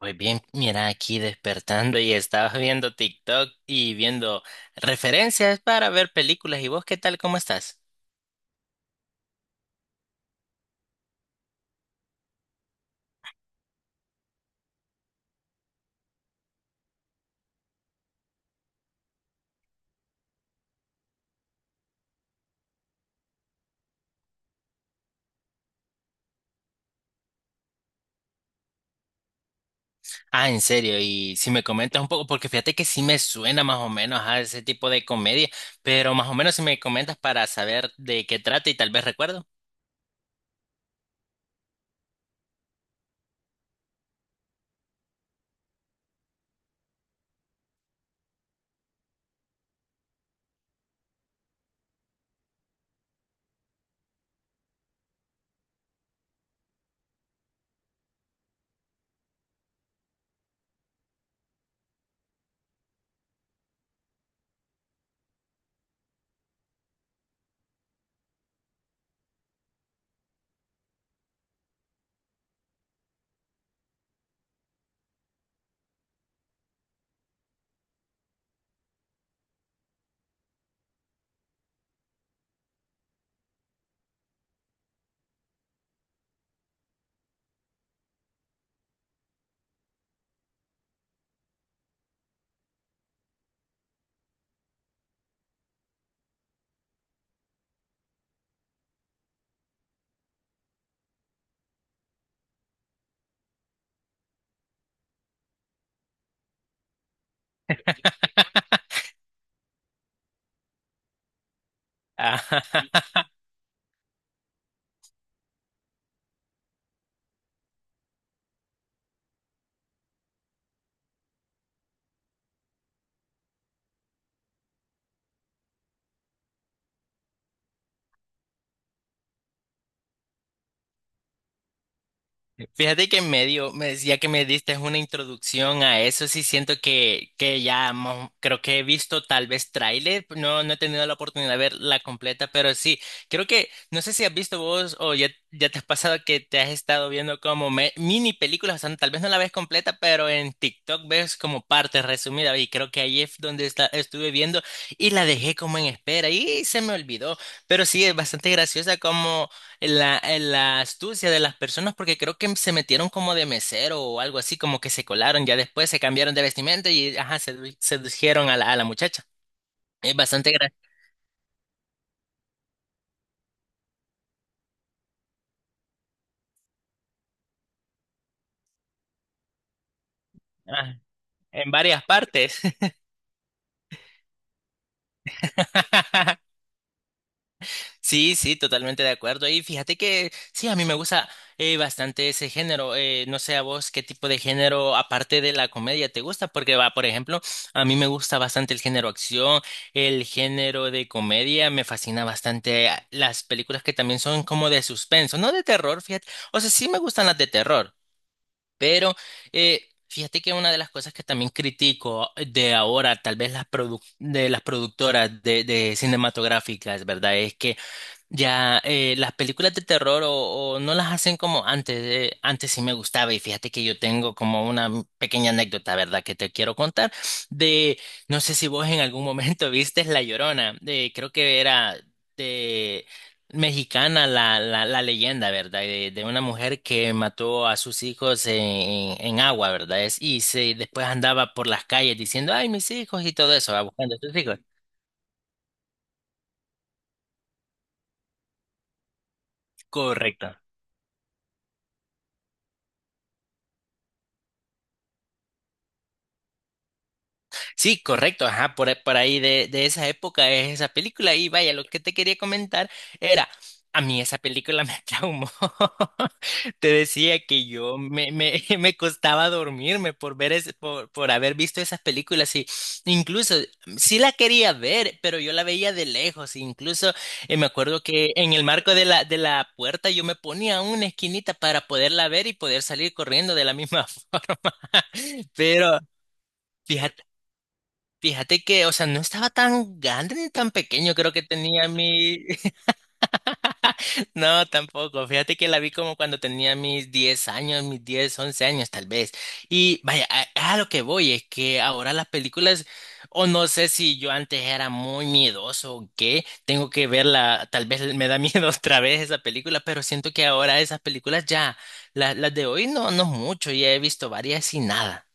Muy bien, mira, aquí despertando y estaba viendo TikTok y viendo referencias para ver películas. ¿Y vos qué tal? ¿Cómo estás? Ah, en serio, y si me comentas un poco, porque fíjate que sí me suena más o menos a ese tipo de comedia, pero más o menos si me comentas para saber de qué trata y tal vez recuerdo. Fíjate que medio, me decía que me diste una introducción a eso, sí siento que ya creo que he visto tal vez tráiler, no, no he tenido la oportunidad de ver la completa, pero sí, creo que, no sé si has visto vos o ya, ya te has pasado que te has estado viendo como mini películas, o sea, tal vez no la ves completa, pero en TikTok ves como parte resumida y creo que ahí es donde estuve viendo y la dejé como en espera y se me olvidó, pero sí, es bastante graciosa como. La astucia de las personas porque creo que se metieron como de mesero o algo así, como que se colaron, ya después se cambiaron de vestimenta y ajá, sedujeron a la muchacha. Es bastante gracioso. En varias partes. Sí, sí, totalmente de acuerdo. Y fíjate que sí, a mí me gusta bastante ese género. No sé a vos qué tipo de género, aparte de la comedia, te gusta, porque va, por ejemplo, a mí me gusta bastante el género acción, el género de comedia, me fascina bastante las películas que también son como de suspenso, no de terror, fíjate. O sea, sí me gustan las de terror, pero fíjate que una de las cosas que también critico de ahora, tal vez de las productoras de cinematográficas, ¿verdad? Es que ya, las películas de terror o no las hacen como antes. Antes sí me gustaba y fíjate que yo tengo como una pequeña anécdota, ¿verdad? Que te quiero contar de, no sé si vos en algún momento viste La Llorona, creo que era de mexicana la leyenda, ¿verdad? De una mujer que mató a sus hijos en agua, ¿verdad? Después andaba por las calles diciendo, ay, mis hijos y todo eso, va buscando a sus hijos. Correcto. Sí, correcto, ajá, por ahí de esa época es esa película. Y vaya, lo que te quería comentar era. A mí esa película me traumó. Te decía que yo me costaba dormirme por ver por haber visto esas películas. Y incluso sí la quería ver, pero yo la veía de lejos. Incluso me acuerdo que en el marco de la puerta yo me ponía una esquinita para poderla ver y poder salir corriendo de la misma forma. Pero fíjate. Fíjate que, o sea, no estaba tan grande ni tan pequeño, creo que tenía mi. No, tampoco. Fíjate que la vi como cuando tenía mis 10 años, mis 10, 11 años tal vez. Y vaya, a lo que voy es que ahora las películas, o no sé si yo antes era muy miedoso o qué, tengo que verla, tal vez me da miedo otra vez esa película, pero siento que ahora esas películas ya, las de hoy no, no mucho, ya he visto varias y nada.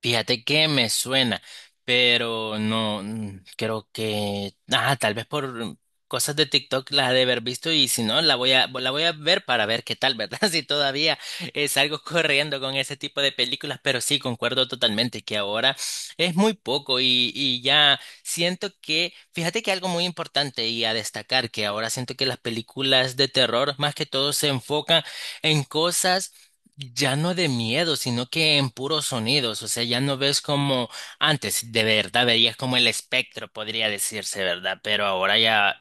Fíjate que me suena, pero no creo que, tal vez por cosas de TikTok la ha de haber visto y si no la voy a ver para ver qué tal, ¿verdad? Si todavía salgo corriendo con ese tipo de películas, pero sí concuerdo totalmente que ahora es muy poco y ya siento que, fíjate que algo muy importante y a destacar que ahora siento que las películas de terror más que todo se enfocan en cosas ya no de miedo, sino que en puros sonidos, o sea, ya no ves como antes, de verdad veías como el espectro, podría decirse, ¿verdad? Pero ahora ya,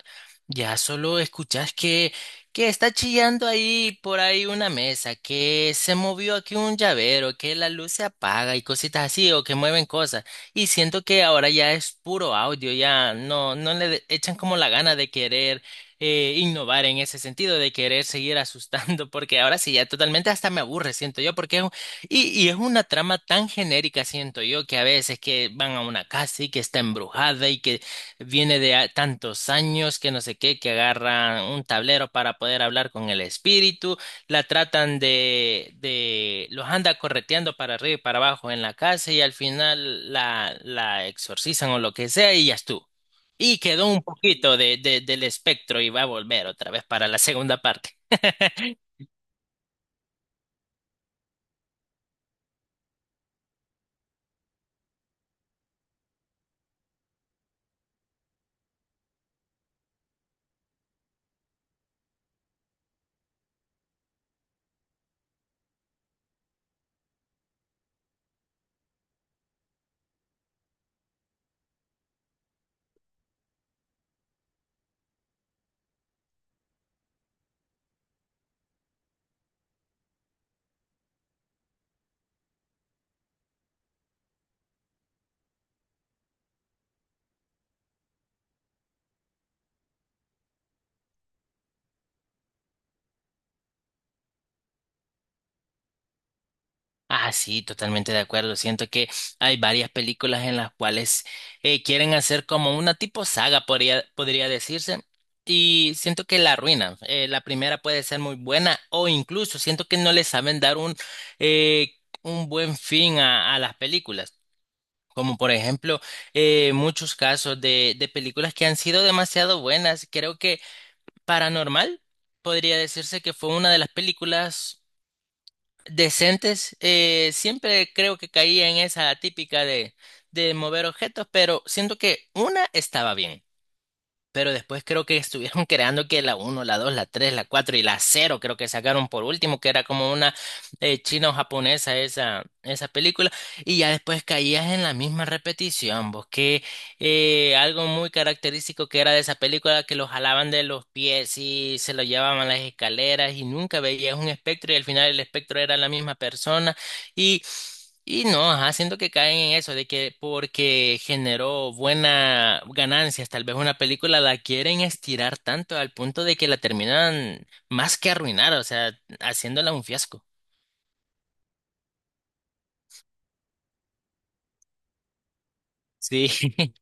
ya solo escuchas que está chillando ahí por ahí una mesa, que se movió aquí un llavero, que la luz se apaga y cositas así, o que mueven cosas. Y siento que ahora ya es puro audio, ya no, no le echan como la gana de querer innovar en ese sentido de querer seguir asustando, porque ahora sí ya totalmente hasta me aburre, siento yo, porque es y es una trama tan genérica, siento yo, que a veces que van a una casa y que está embrujada y que viene de tantos años, que no sé qué, que agarran un tablero para poder hablar con el espíritu, la tratan los anda correteando para arriba y para abajo en la casa y al final la exorcizan o lo que sea y ya estuvo. Y quedó un poquito de, del espectro y va a volver otra vez para la segunda parte. Ah, sí, totalmente de acuerdo. Siento que hay varias películas en las cuales quieren hacer como una tipo saga, podría decirse, y siento que la arruinan. La primera puede ser muy buena o incluso siento que no le saben dar eh, un buen fin a las películas. Como por ejemplo, muchos casos de películas que han sido demasiado buenas. Creo que Paranormal podría decirse que fue una de las películas decentes. Siempre creo que caía en esa típica de mover objetos, pero siento que una estaba bien. Pero después creo que estuvieron creando que la uno la 2 la 3 la 4 y la cero creo que sacaron por último, que era como una china o japonesa esa película. Y ya después caías en la misma repetición, vos que algo muy característico que era de esa película, que lo jalaban de los pies y se lo llevaban a las escaleras y nunca veías un espectro y al final el espectro era la misma persona. Y, y no, ajá, siento que caen en eso, de que porque generó buena ganancias, tal vez una película la quieren estirar tanto al punto de que la terminan más que arruinar, o sea, haciéndola un fiasco. Sí.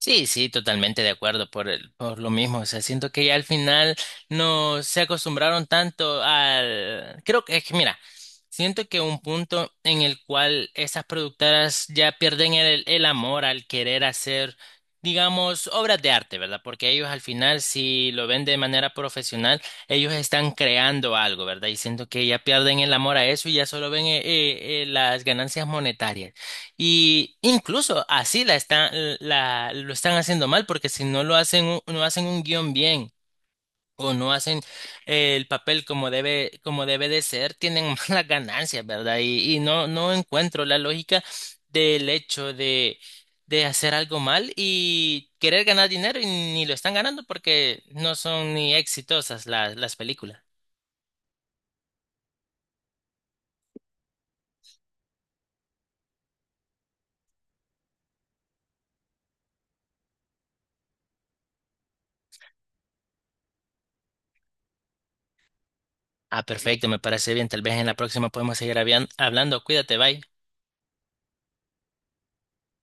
Sí, sí, totalmente de acuerdo por el, por lo mismo. O sea, siento que ya al final no se acostumbraron tanto al. Creo que es que, mira, siento que un punto en el cual esas productoras ya pierden el amor al querer hacer, digamos, obras de arte, ¿verdad? Porque ellos al final, si lo ven de manera profesional, ellos están creando algo, ¿verdad? Y siento que ya pierden el amor a eso y ya solo ven las ganancias monetarias. Y incluso así lo están haciendo mal, porque si no lo hacen, no hacen un guión bien o no hacen el papel como debe de ser, tienen malas ganancias, ¿verdad? Y no, no encuentro la lógica del hecho de hacer algo mal y querer ganar dinero y ni lo están ganando porque no son ni exitosas las películas. Ah, perfecto, me parece bien. Tal vez en la próxima podemos seguir hablando. Cuídate, bye.